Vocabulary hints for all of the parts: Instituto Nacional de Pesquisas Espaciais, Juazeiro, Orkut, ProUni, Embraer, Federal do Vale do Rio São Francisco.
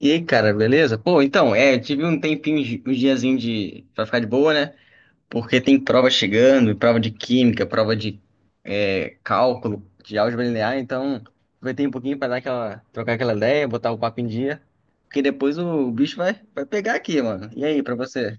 E aí, cara, beleza? Eu tive um tempinho, um diazinho pra ficar de boa, né? Porque tem prova chegando, prova de química, prova de cálculo, de álgebra linear, então aproveitei um pouquinho pra dar trocar aquela ideia, botar o papo em dia, porque depois o bicho vai pegar aqui, mano. E aí, pra você?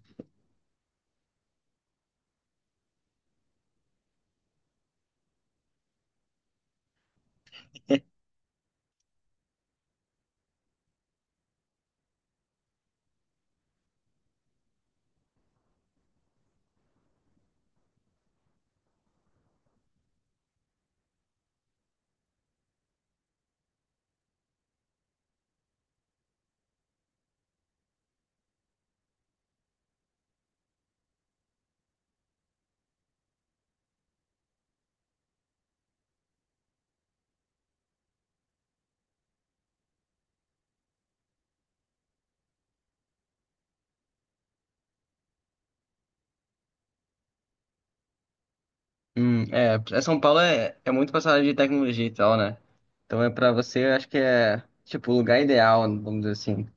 São Paulo é muito passada de tecnologia e tal, né? Então é pra você, eu acho que é, tipo, o lugar ideal, vamos dizer assim,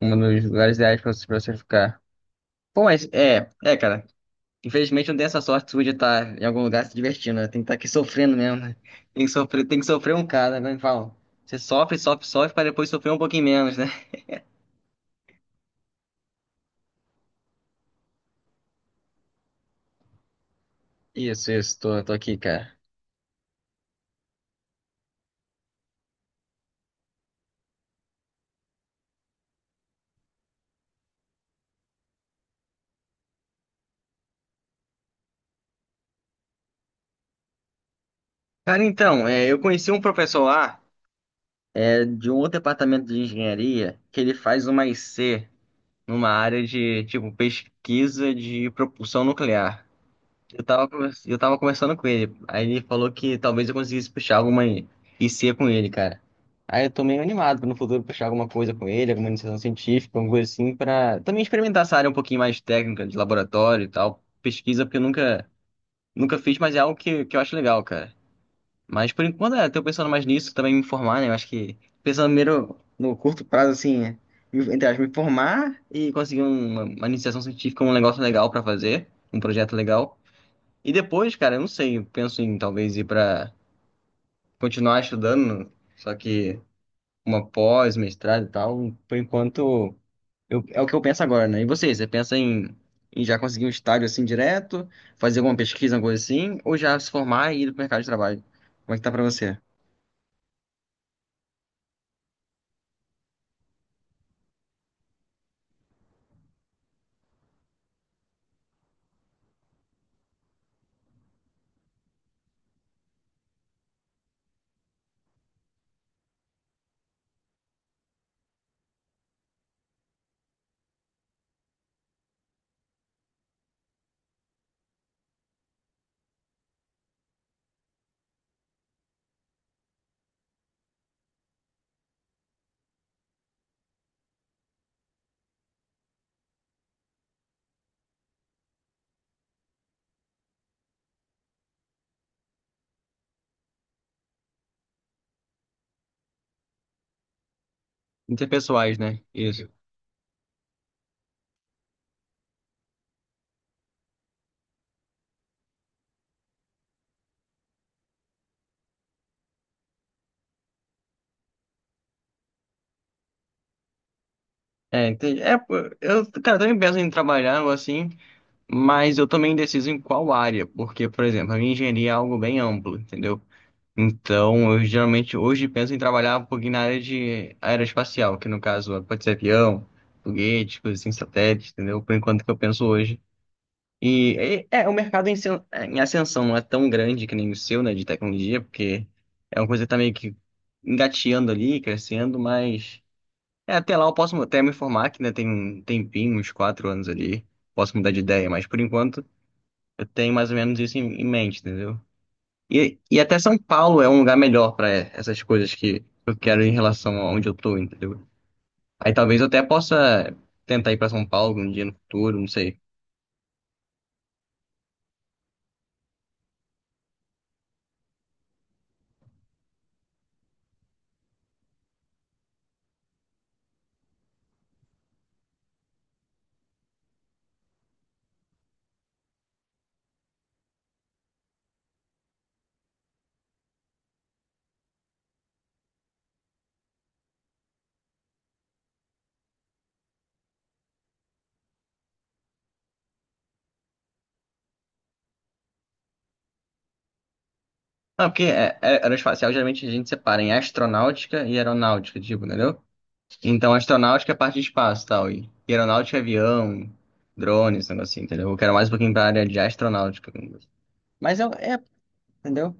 um dos lugares ideais pra você ficar. Bom, cara. Infelizmente não tem essa sorte sua de estar em algum lugar se divertindo, né? Tem que estar aqui sofrendo mesmo, né? Tem que sofrer um cara, né? Fala, você sofre, sofre, sofre para depois sofrer um pouquinho menos, né? Isso, tô, tô aqui, cara. Eu conheci um professor lá, de um outro departamento de engenharia, que ele faz uma IC numa área de, tipo, pesquisa de propulsão nuclear. Eu tava, eu tava conversando com ele. Aí ele falou que talvez eu conseguisse puxar alguma IC com ele, cara. Aí eu tô meio animado pra no futuro puxar alguma coisa com ele, alguma iniciação científica, alguma coisa assim, pra também experimentar essa área um pouquinho mais técnica, de laboratório e tal. Pesquisa, porque eu nunca fiz, mas é algo que eu acho legal, cara. Mas por enquanto, tô pensando mais nisso, também me formar, né? Eu acho que pensando primeiro no curto prazo, assim, entre aspas, me formar e conseguir uma iniciação científica, um negócio legal pra fazer, um projeto legal. E depois, cara, eu não sei, eu penso em talvez ir pra continuar estudando, só que uma pós, mestrado e tal, por enquanto é o que eu penso agora, né? E você, em já conseguir um estágio assim direto, fazer alguma pesquisa, alguma coisa assim, ou já se formar e ir pro mercado de trabalho? Como é que tá pra você? Interpessoais, né? Isso. É, entendi. Eu, cara, eu também penso em trabalhar algo assim, mas eu também indeciso em qual área, porque, por exemplo, a minha engenharia é algo bem amplo, entendeu? Então, eu geralmente hoje penso em trabalhar um pouquinho na área de aeroespacial, que no caso pode ser avião, foguete, coisas assim, satélite, entendeu? Por enquanto que eu penso hoje. E o mercado em ascensão não é tão grande que nem o seu, né, de tecnologia, porque é uma coisa que tá meio que engateando ali, crescendo, mas é, até lá eu posso até me informar que ainda tem um tempinho, uns quatro anos ali, posso mudar de ideia, mas por enquanto eu tenho mais ou menos isso em mente, entendeu? E até São Paulo é um lugar melhor para essas coisas que eu quero em relação a onde eu tô, entendeu? Aí talvez eu até possa tentar ir para São Paulo um dia no futuro, não sei. Não, porque aeroespacial geralmente a gente separa em astronáutica e aeronáutica, tipo, entendeu? Então astronáutica é parte de espaço e tal, e aeronáutica é avião, drones, esse negócio assim, entendeu? Eu quero mais um pouquinho pra área de astronáutica. Mas é, é, entendeu?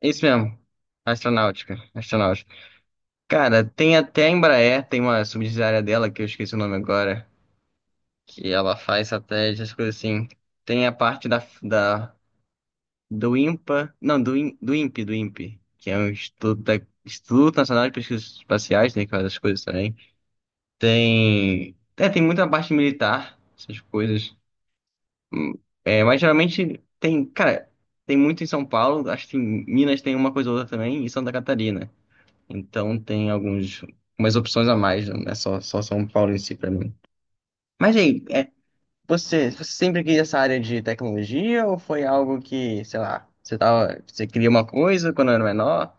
É isso mesmo, astronáutica, astronáutica. Cara, tem até a Embraer, tem uma subsidiária dela, que eu esqueci o nome agora, que ela faz satélites, essas coisas assim. Tem a parte do INPA, não, do INPE, que é um Instituto, Instituto Nacional de Pesquisas Espaciais, né, que faz essas coisas também. Tem, é, tem muita parte militar, essas coisas. Hum, É, mas geralmente tem, cara, tem muito em São Paulo, acho que em Minas tem uma coisa ou outra também, e Santa Catarina. Então tem alguns, umas opções a mais, não é só, só São Paulo em si pra mim. Mas aí, é, você sempre quis essa área de tecnologia ou foi algo que, sei lá, você tava, você queria uma coisa quando era menor,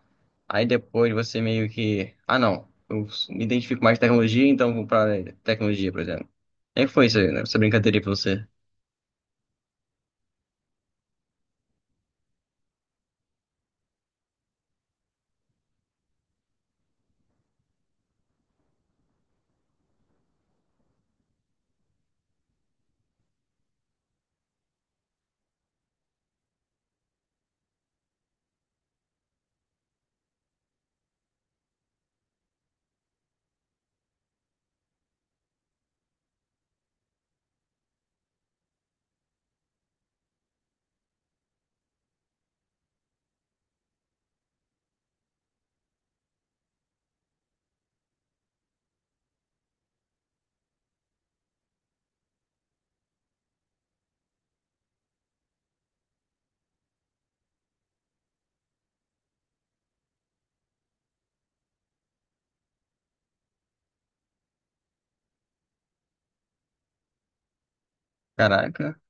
aí depois você meio que, ah não, eu me identifico mais com tecnologia, então vou pra área de tecnologia, por exemplo. Como é que foi isso aí, né? Essa brincadeira aí pra você? Caraca,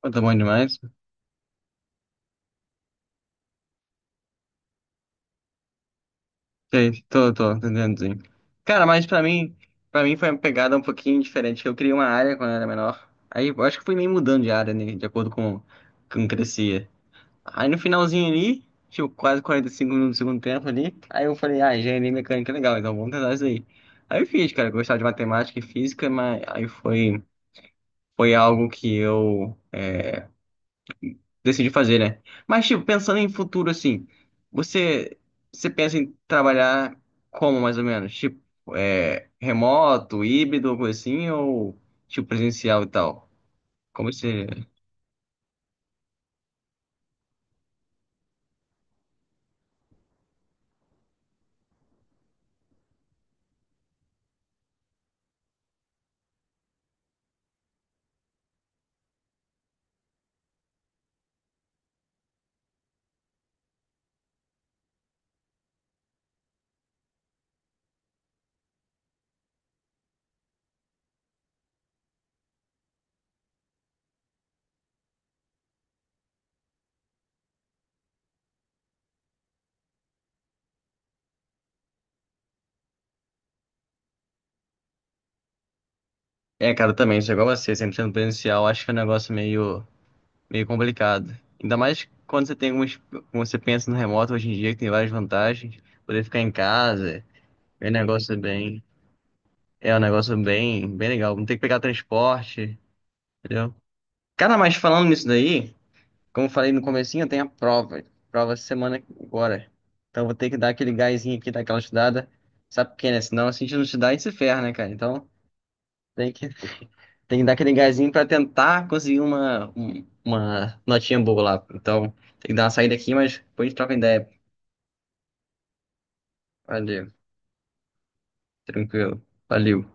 pô, tá bom demais. Sei, tô, tô entendendo, sim. Cara, mas pra mim foi uma pegada um pouquinho diferente, que eu criei uma área quando eu era menor. Aí eu acho que fui meio mudando de área, né, de acordo com como crescia. Aí no finalzinho ali, tipo, quase 45 minutos do segundo tempo ali, aí eu falei, ah, engenharia mecânica é legal, então vamos tentar isso aí. Aí eu fiz, cara, eu gostava de matemática e física, mas aí foi, foi algo que eu decidi fazer, né? Mas, tipo, pensando em futuro, assim, você, você pensa em trabalhar como, mais ou menos? Tipo, remoto, híbrido, coisa assim, ou, tipo, presencial e tal? Como você... eu também, isso é igual a você, sempre sendo presencial, acho que é um negócio meio complicado. Ainda mais quando você tem algumas... Quando você pensa no remoto hoje em dia, que tem várias vantagens, poder ficar em casa, é um negócio bem... É um negócio bem legal, não tem que pegar transporte, entendeu? Cara, mas falando nisso daí... Como eu falei no comecinho, eu tenho a prova. Prova essa semana agora. Então eu vou ter que dar aquele gásinho aqui, dar aquela estudada. Sabe por quê, né? Senão se a gente não estudar, a gente se ferra, né, cara? Então tem que, tem que dar aquele gásinho pra tentar conseguir uma notinha boa lá. Então tem que dar uma saída aqui, mas depois a gente troca ideia. Valeu, tranquilo. Valeu.